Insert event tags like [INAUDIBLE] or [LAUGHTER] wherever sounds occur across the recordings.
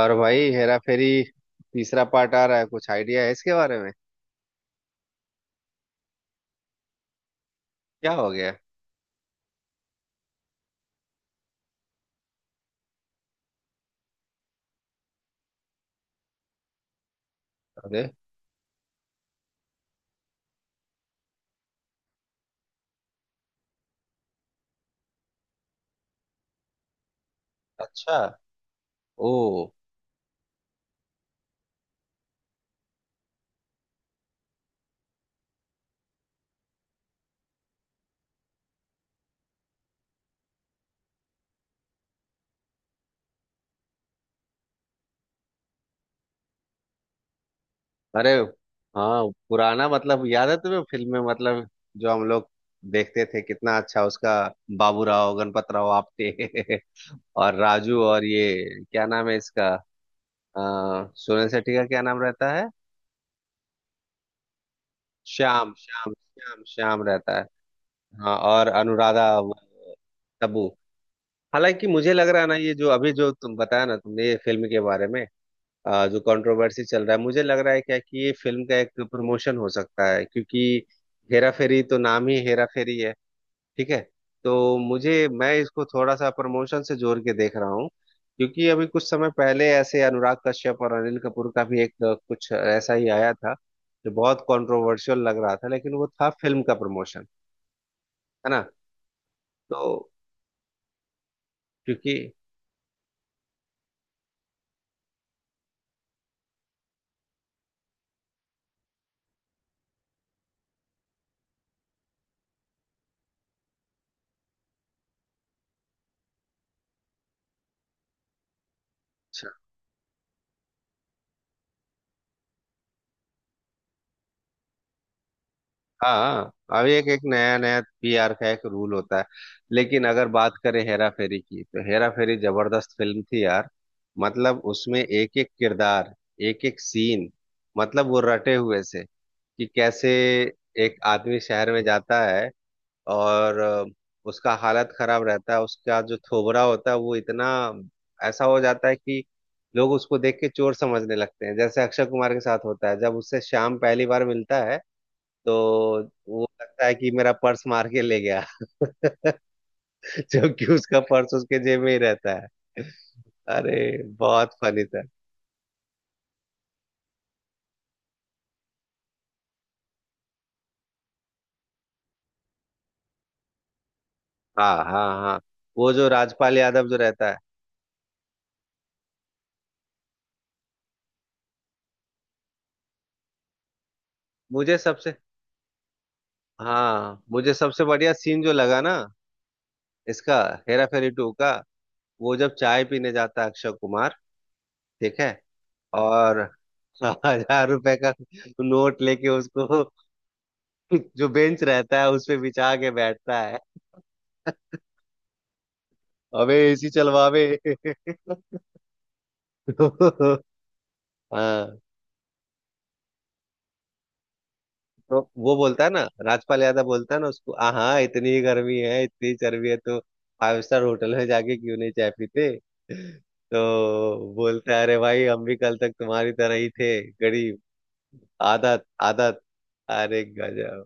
और भाई हेरा फेरी तीसरा पार्ट आ रहा है। कुछ आइडिया है इसके बारे में? क्या हो गया? अरे! अच्छा। ओ। अरे हाँ, पुराना, मतलब याद है तुम्हें फिल्म में? मतलब जो हम लोग देखते थे, कितना अच्छा उसका। बाबूराव गणपत राव आप्टे [LAUGHS] और राजू, और ये क्या नाम है इसका? आ, सोनल सेठी का क्या नाम रहता है? श्याम, श्याम, श्याम, श्याम रहता है। हाँ, और अनुराधा वो, तब्बू। हालांकि मुझे लग रहा है ना, ये जो अभी जो तुम बताया ना तुमने, ये फिल्म के बारे में, जो कंट्रोवर्सी चल रहा है, मुझे लग रहा है क्या कि ये फिल्म का एक प्रमोशन हो सकता है, क्योंकि हेरा फेरी तो नाम ही हेरा फेरी है। ठीक है। तो मुझे, मैं इसको थोड़ा सा प्रमोशन से जोड़ के देख रहा हूँ। क्योंकि अभी कुछ समय पहले ऐसे अनुराग कश्यप और अनिल कपूर का भी एक कुछ ऐसा ही आया था, जो बहुत कंट्रोवर्शियल लग रहा था, लेकिन वो था फिल्म का प्रमोशन। है ना? तो, क्योंकि, हाँ, अब एक एक नया नया पीआर का एक रूल होता है। लेकिन अगर बात करें हेरा फेरी की, तो हेरा फेरी जबरदस्त फिल्म थी यार। मतलब उसमें एक एक किरदार, एक एक सीन, मतलब वो रटे हुए से कि कैसे एक आदमी शहर में जाता है और उसका हालत खराब रहता है, उसका जो थोबरा होता है वो इतना ऐसा हो जाता है कि लोग उसको देख के चोर समझने लगते हैं, जैसे अक्षय कुमार के साथ होता है जब उससे श्याम पहली बार मिलता है, तो वो लगता है कि मेरा पर्स मार के ले गया [LAUGHS] जबकि उसका पर्स उसके जेब में ही रहता है। अरे, बहुत फनी था! हाँ हाँ हाँ, वो जो राजपाल यादव जो रहता है। मुझे सबसे हाँ, मुझे सबसे बढ़िया सीन जो लगा ना, इसका, हेरा फेरी टू का, वो जब चाय पीने जाता है अक्षय कुमार, ठीक है, और 1000 रुपए का नोट लेके उसको जो बेंच रहता है उस पे बिछा के बैठता है। अबे एसी चलवावे [LAUGHS] [LAUGHS] हाँ, तो वो बोलता है ना, राजपाल यादव बोलता है ना उसको, हाँ, इतनी गर्मी है, इतनी चर्बी है तो फाइव स्टार होटल में जाके क्यों नहीं चाय पीते?" [LAUGHS] तो बोलता है, "अरे भाई, हम भी कल तक तुम्हारी तरह ही थे, गरीब।" आदत, आदत। अरे गजब!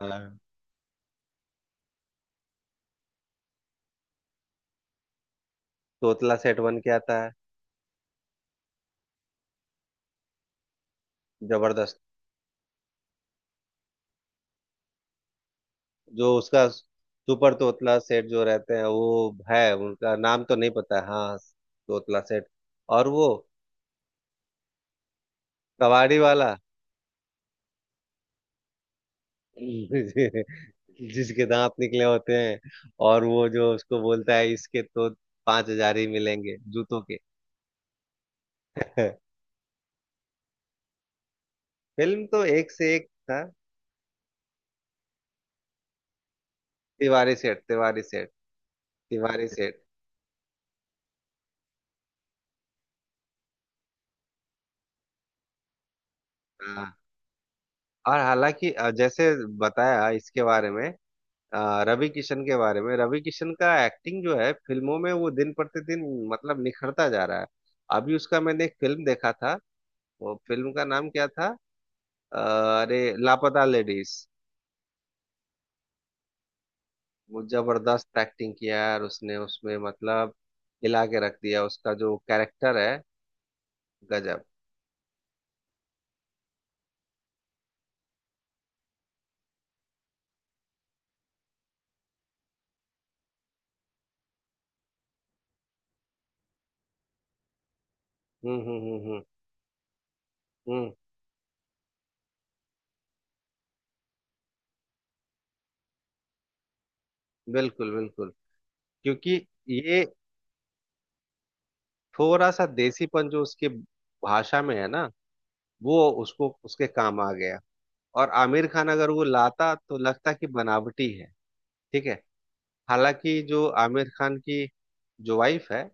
हाँ, तोतला सेठ बन के आता है। जबरदस्त! जो उसका सुपर तोतला सेठ जो रहते हैं वो है, उनका नाम तो नहीं पता है। हाँ, तोतला सेठ। और वो कबाड़ी वाला [LAUGHS] जिसके दांत निकले होते हैं, और वो जो उसको बोलता है, इसके तो 5000 ही मिलेंगे जूतों के। [LAUGHS] फिल्म तो एक से एक था। तिवारी सेठ, तिवारी सेठ, तिवारी सेठ। हाँ। और हालांकि, जैसे बताया इसके बारे में, रवि किशन के बारे में, रवि किशन का एक्टिंग जो है फिल्मों में, वो दिन प्रतिदिन, मतलब निखरता जा रहा है। अभी उसका मैंने एक फिल्म देखा था, वो फिल्म का नाम क्या था? अ, अरे, लापता लेडीज। वो जबरदस्त एक्टिंग किया यार उसने उसमें, मतलब हिला के रख दिया, उसका जो कैरेक्टर है, गजब। हम्म। हम्म। बिल्कुल बिल्कुल। क्योंकि ये थोड़ा सा देसीपन जो उसके भाषा में है ना, वो उसको, उसके काम आ गया। और आमिर खान अगर वो लाता तो लगता कि बनावटी है। ठीक है। हालांकि जो आमिर खान की, जो वाइफ है,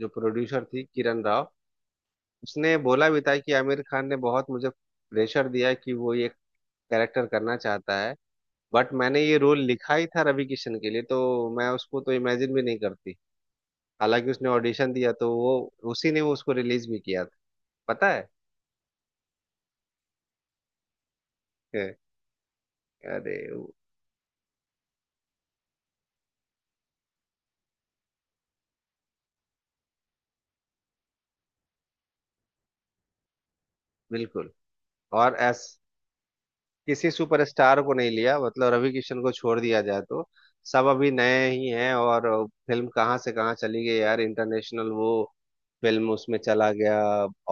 जो प्रोड्यूसर थी, किरण राव, उसने बोला भी था कि आमिर खान ने बहुत मुझे प्रेशर दिया कि वो ये कैरेक्टर करना चाहता है, बट मैंने ये रोल लिखा ही था रवि किशन के लिए, तो मैं उसको तो इमेजिन भी नहीं करती। हालांकि उसने ऑडिशन दिया तो वो, उसी ने वो उसको रिलीज भी किया था, पता है? [LAUGHS] अरे! बिल्कुल। और ऐस किसी सुपरस्टार को नहीं लिया, मतलब रवि किशन को छोड़ दिया जाए तो सब अभी नए ही हैं। और फिल्म कहाँ से कहाँ चली गई यार, इंटरनेशनल, वो फिल्म उसमें चला गया,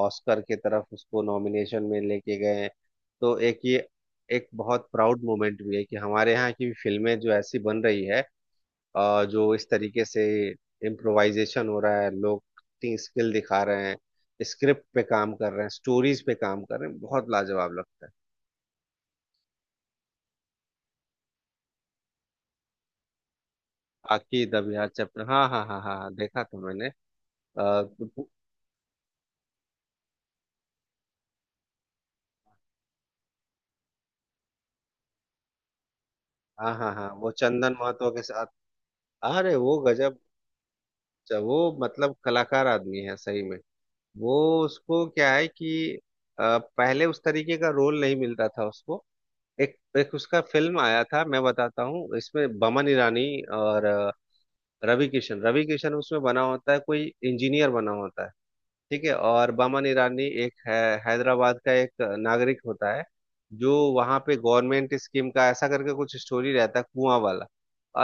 ऑस्कर की तरफ उसको नॉमिनेशन में लेके गए। तो एक ये, एक बहुत प्राउड मोमेंट भी है कि हमारे यहाँ की फिल्में जो ऐसी बन रही है, जो इस तरीके से इम्प्रोवाइजेशन हो रहा है, लोग स्किल दिखा रहे हैं, स्क्रिप्ट पे काम कर रहे हैं, स्टोरीज पे काम कर रहे हैं, बहुत लाजवाब लगता है। आखिर अभियान चैप्टर, हाँ हाँ हाँ हाँ हाँ, देखा था मैंने। तो- हाँ हाँ हाँ, वो चंदन महतो के साथ। अरे वो गजब! वो, मतलब कलाकार आदमी है सही में। वो, उसको क्या है कि पहले उस तरीके का रोल नहीं मिल रहा था उसको। एक एक उसका फिल्म आया था, मैं बताता हूँ, इसमें बमन ईरानी और रवि किशन, उसमें बना होता है, कोई इंजीनियर बना होता है, ठीक है, और बामन ईरानी एक है, हैदराबाद का एक नागरिक होता है, जो वहाँ पे गवर्नमेंट स्कीम का ऐसा करके कुछ स्टोरी रहता है, कुआं वाला।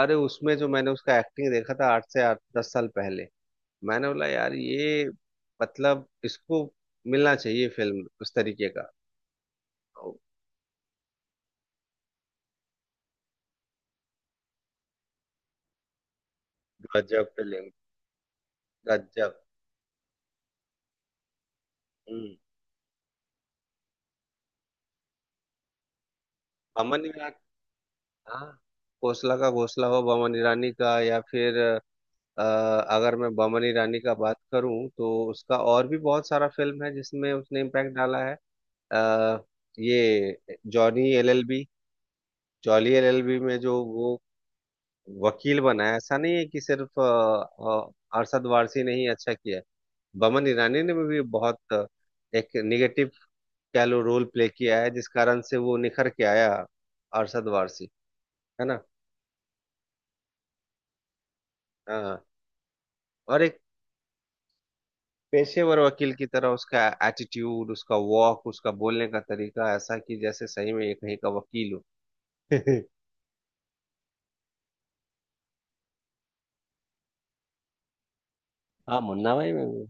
अरे, उसमें जो मैंने उसका एक्टिंग देखा था 8 से 8, 10 साल पहले, मैंने बोला यार, ये, मतलब इसको मिलना चाहिए फिल्म उस तरीके का। ओ! गजब फिल्म, गजब। हम्म। बमन ईरानी, हाँ, घोसला का घोसला हो बमन ईरानी का, या फिर, अ, अगर मैं बमन ईरानी का बात करूं, तो उसका और भी बहुत सारा फिल्म है जिसमें उसने इम्पैक्ट डाला है। अ, ये जॉनी एलएलबी, जॉली एलएलबी में जो वो वकील बना है, ऐसा नहीं है कि सिर्फ अरशद वारसी ने ही अच्छा किया है। बमन ईरानी ने भी बहुत एक निगेटिव, कह लो, रोल प्ले किया है, जिस कारण से वो निखर के आया, अरशद वारसी। है ना? हाँ। और एक पेशेवर वकील की तरह, उसका एटीट्यूड, उसका वॉक, उसका बोलने का तरीका ऐसा कि जैसे सही में ये कहीं का वकील हो। [LAUGHS] हाँ, मुन्ना भाई में भी।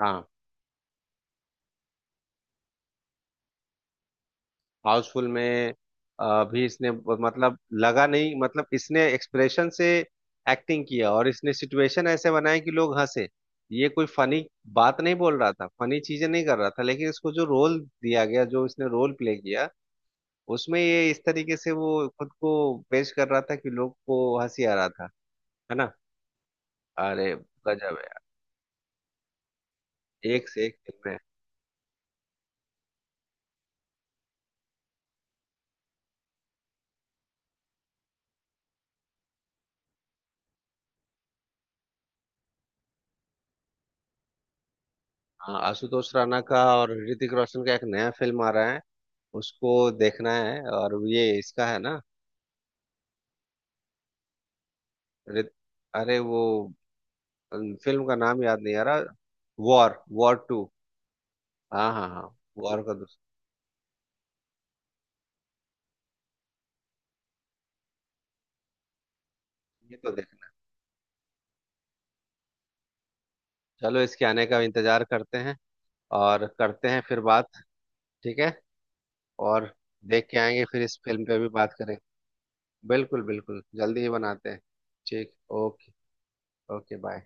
हाँ, हाउसफुल में भी इसने, मतलब लगा नहीं, मतलब इसने एक्सप्रेशन से एक्टिंग किया, और इसने सिचुएशन ऐसे बनाए कि लोग हंसे। ये कोई फनी बात नहीं बोल रहा था, फनी चीजें नहीं कर रहा था, लेकिन इसको जो रोल दिया गया, जो इसने रोल प्ले किया, उसमें ये इस तरीके से वो खुद को पेश कर रहा था कि लोग को हंसी आ रहा था। है ना? अरे गजब! है, एक से एक फिल्म है। हाँ, आशुतोष राणा का और ऋतिक रोशन का एक नया फिल्म आ रहा है, उसको देखना है। और ये इसका है ना, ऋत- अरे, वो फिल्म का नाम याद नहीं आ रहा। वॉर, वॉर टू। हाँ हाँ हाँ, वॉर का दूसरा। ये तो देखना, चलो इसके आने का इंतजार करते हैं, और करते हैं फिर बात। ठीक है। और देख के आएंगे, फिर इस फिल्म पे भी बात करें। बिल्कुल बिल्कुल, जल्दी ही बनाते हैं। ठीक। ओके। Okay bye.